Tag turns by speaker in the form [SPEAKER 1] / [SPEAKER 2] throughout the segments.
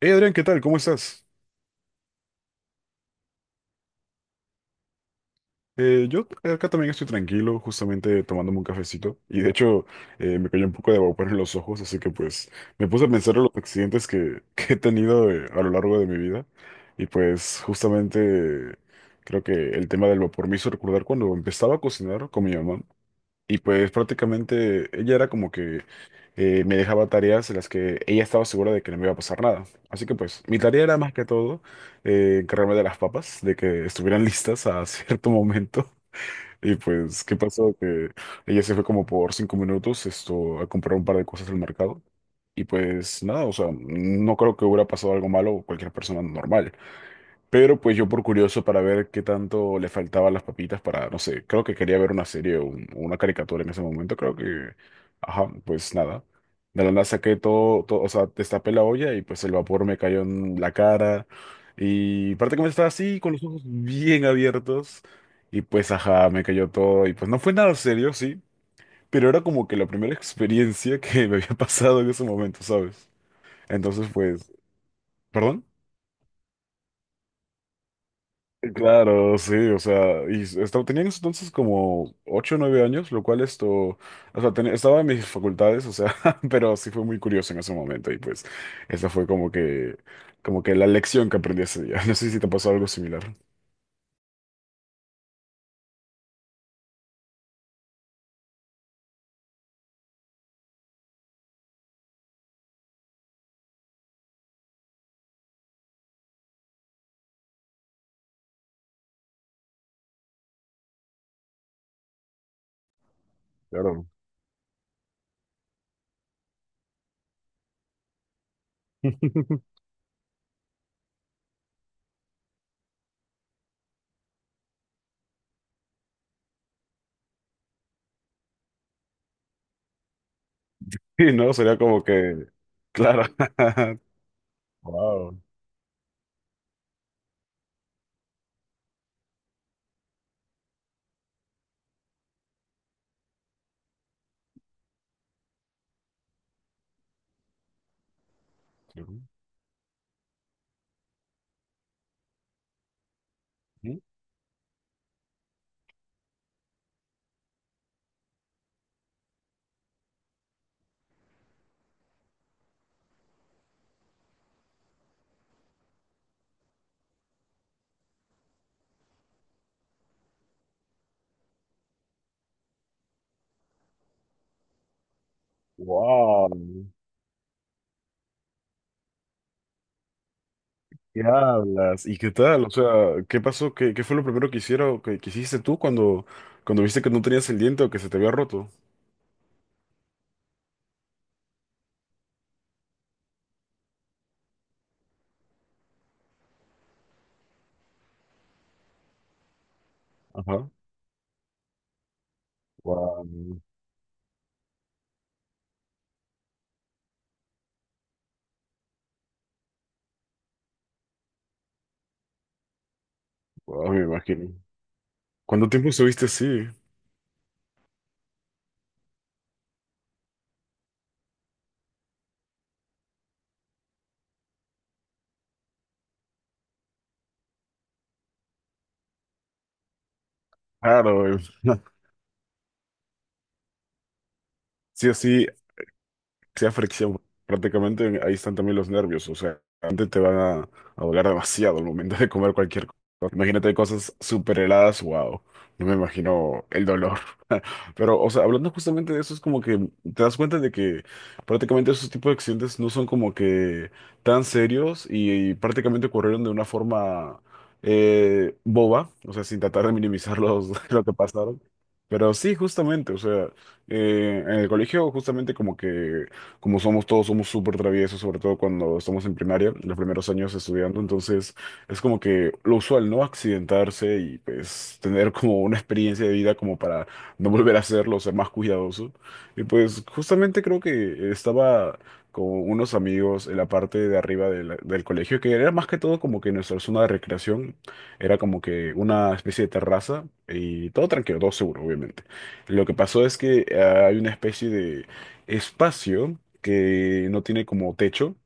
[SPEAKER 1] Hey Adrián, ¿qué tal? ¿Cómo estás? Yo acá también estoy tranquilo, justamente tomándome un cafecito. Y de hecho, me cayó un poco de vapor en los ojos, así que pues me puse a pensar en los accidentes que, que he tenido a lo largo de mi vida. Y pues justamente creo que el tema del vapor me hizo recordar cuando empezaba a cocinar con mi mamá. Y pues prácticamente ella era como que me dejaba tareas en las que ella estaba segura de que no me iba a pasar nada. Así que pues mi tarea era más que todo encargarme de las papas, de que estuvieran listas a cierto momento. Y pues, ¿qué pasó? Que ella se fue como por cinco minutos esto, a comprar un par de cosas al mercado. Y pues nada, o sea, no creo que hubiera pasado algo malo o cualquier persona normal. Pero pues yo por curioso para ver qué tanto le faltaban las papitas para, no sé, creo que quería ver una serie o o una caricatura en ese momento, creo que, ajá, pues nada. De la nada saqué todo, todo, o sea, destapé la olla y pues el vapor me cayó en la cara y prácticamente estaba así con los ojos bien abiertos y pues ajá, me cayó todo y pues no fue nada serio, sí, pero era como que la primera experiencia que me había pasado en ese momento, ¿sabes? Entonces pues, ¿perdón? Claro, sí, o sea, y estaba, tenía en ese entonces como 8 o 9 años, lo cual esto, o sea, estaba en mis facultades, o sea, pero sí fue muy curioso en ese momento y pues esa fue como que la lección que aprendí ese día. No sé si te pasó algo similar. Claro. Sí, ¿no? Sería como que, claro. Wow. Wow. ¿Qué hablas? ¿Y qué tal? O sea, ¿qué pasó? ¿Qué fue lo primero que hicieron, que hiciste tú cuando viste que no tenías el diente o que se te había roto? Ajá. Wow, me imagino. ¿Cuánto tiempo estuviste así? Claro, sí o sí, sea fricción. Prácticamente ahí están también los nervios, o sea, antes te van a doler demasiado al momento de comer cualquier cosa. Imagínate cosas súper heladas, wow, no me imagino el dolor. Pero, o sea, hablando justamente de eso, es como que te das cuenta de que prácticamente esos tipos de accidentes no son como que tan serios y, prácticamente ocurrieron de una forma boba, o sea, sin tratar de minimizar los, lo que pasaron. Pero sí, justamente, o sea, en el colegio justamente como que como somos todos, somos súper traviesos, sobre todo cuando estamos en primaria, en los primeros años estudiando, entonces es como que lo usual, ¿no? Accidentarse y pues tener como una experiencia de vida como para no volver a hacerlo, ser más cuidadoso. Y pues justamente creo que estaba con unos amigos en la parte de arriba de del colegio, que era más que todo como que nuestra zona de recreación, era como que una especie de terraza y todo tranquilo, todo seguro, obviamente. Lo que pasó es que ah, hay una especie de espacio que no tiene como techo.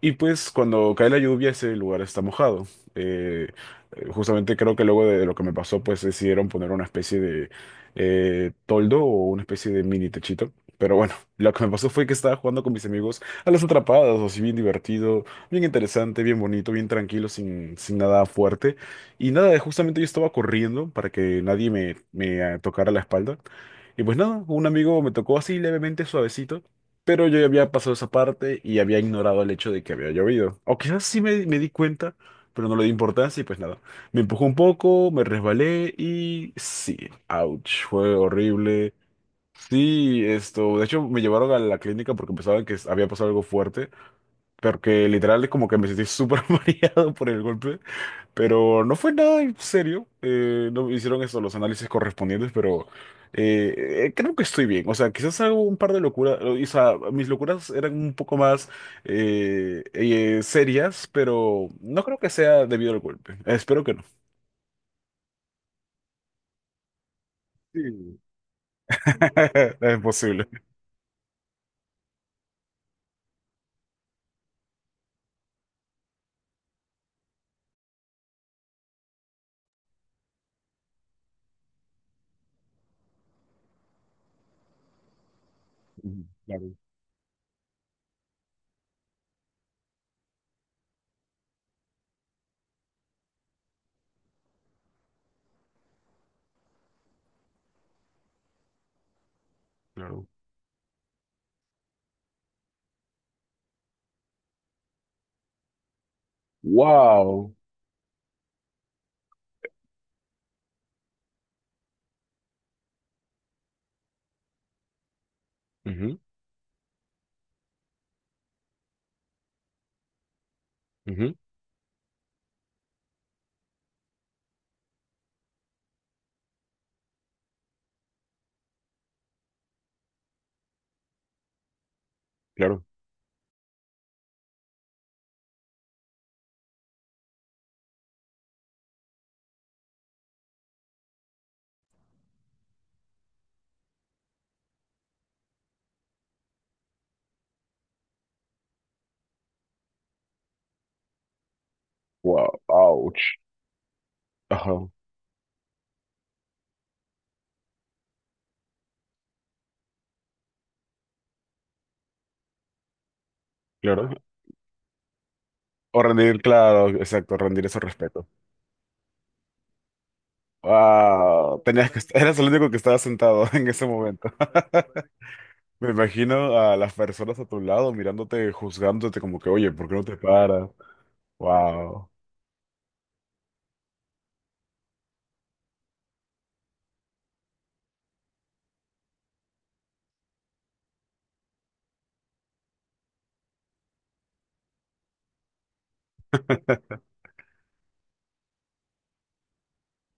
[SPEAKER 1] Y pues cuando cae la lluvia ese lugar está mojado. Eh, justamente creo que luego de lo que me pasó pues decidieron poner una especie de toldo o una especie de mini techito. Pero bueno, lo que me pasó fue que estaba jugando con mis amigos a las atrapadas, así bien divertido, bien interesante, bien bonito, bien tranquilo, sin, sin nada fuerte. Y nada, justamente yo estaba corriendo para que nadie me tocara la espalda. Y pues nada, un amigo me tocó así levemente suavecito. Pero yo ya había pasado esa parte y había ignorado el hecho de que había llovido. O quizás sí me di cuenta, pero no le di importancia y pues nada. Me empujó un poco, me resbalé y sí, ouch, fue horrible. Sí, esto, de hecho me llevaron a la clínica porque pensaban que había pasado algo fuerte, porque literal es como que me sentí súper mareado por el golpe. Pero no fue nada en serio. No hicieron eso, los análisis correspondientes, pero creo que estoy bien. O sea, quizás hago un par de locuras. O sea, mis locuras eran un poco más serias, pero no creo que sea debido al golpe. Espero que no. Sí. Es posible. Ujú, claro, claro. Wow. Ujú, ujú, claro. Wow. Ouch. Ajá. Claro. O rendir, claro, exacto, rendir ese respeto. Wow, tenías que, eras el único que estaba sentado en ese momento. Me imagino a las personas a tu lado mirándote, juzgándote como que, oye, ¿por qué no te paras? Wow.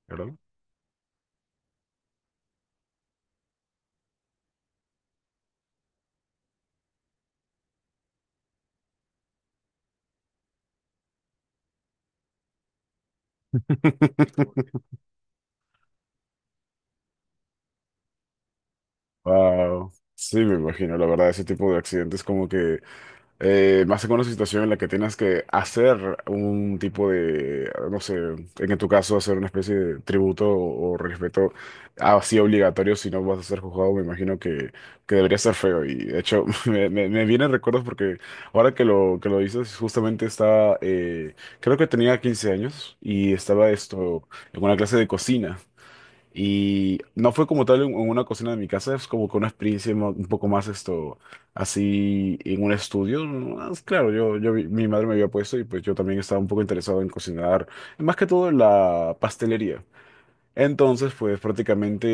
[SPEAKER 1] ¿Verdad? Wow. Sí, me imagino, la verdad, ese tipo de accidentes como que más en una situación en la que tienes que hacer un tipo de, no sé, en tu caso hacer una especie de tributo o respeto así obligatorio, si no vas a ser juzgado, me imagino que debería ser feo. Y de hecho, me vienen recuerdos porque ahora que lo dices, justamente estaba, creo que tenía 15 años y estaba esto en una clase de cocina. Y no fue como tal en una cocina de mi casa, es como que una experiencia un poco más esto, así en un estudio. ¿No? Es, claro, mi madre me había puesto y pues yo también estaba un poco interesado en cocinar, más que todo en la pastelería. Entonces, pues prácticamente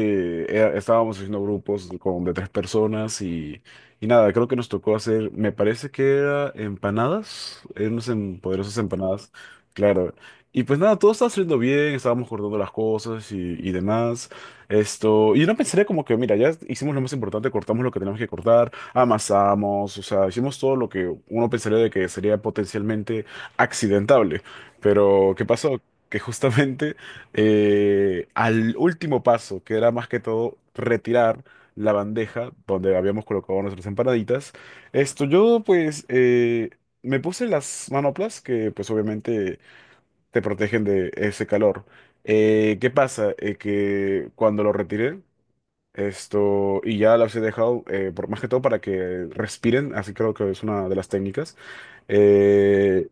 [SPEAKER 1] estábamos haciendo grupos con de 3 personas y nada, creo que nos tocó hacer, me parece que era empanadas, eran unas poderosas empanadas, claro. Y pues nada, todo estaba saliendo bien, estábamos acordando las cosas y demás. Esto, y no pensaría como que, mira, ya hicimos lo más importante, cortamos lo que teníamos que cortar, amasamos, o sea, hicimos todo lo que uno pensaría de que sería potencialmente accidentable. Pero, ¿qué pasó? Que justamente al último paso, que era más que todo retirar la bandeja donde habíamos colocado nuestras empanaditas. Esto yo pues me puse las manoplas que pues obviamente te protegen de ese calor. ¿Qué pasa? Que cuando lo retiré, esto, y ya las he dejado, por, más que todo para que respiren, así creo que es una de las técnicas. Eh,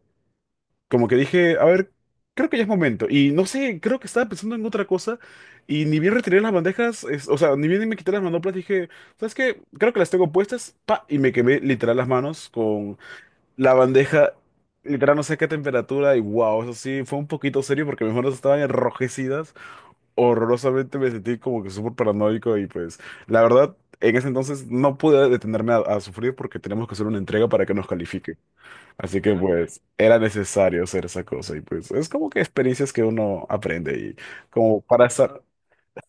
[SPEAKER 1] como que dije, a ver, creo que ya es momento. Y no sé, creo que estaba pensando en otra cosa. Y ni bien retiré las bandejas, o sea, ni bien me quité las manoplas, dije, ¿sabes qué? Creo que las tengo puestas, pa, y me quemé literal las manos con la bandeja, literal no sé qué temperatura. Y wow, eso sí, fue un poquito serio porque mis manos estaban enrojecidas. Horrorosamente me sentí como que súper paranoico. Y pues, la verdad, en ese entonces no pude detenerme a sufrir porque tenemos que hacer una entrega para que nos califique. Así que pues era necesario hacer esa cosa y pues es como que experiencias que uno aprende y como para estar,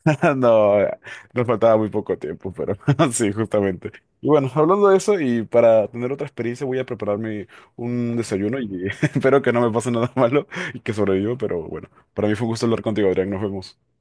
[SPEAKER 1] no, nos faltaba muy poco tiempo, pero sí, justamente. Y bueno, hablando de eso y para tener otra experiencia voy a prepararme un desayuno y espero que no me pase nada malo y que sobreviva, pero bueno, para mí fue un gusto hablar contigo, Adrián, nos vemos.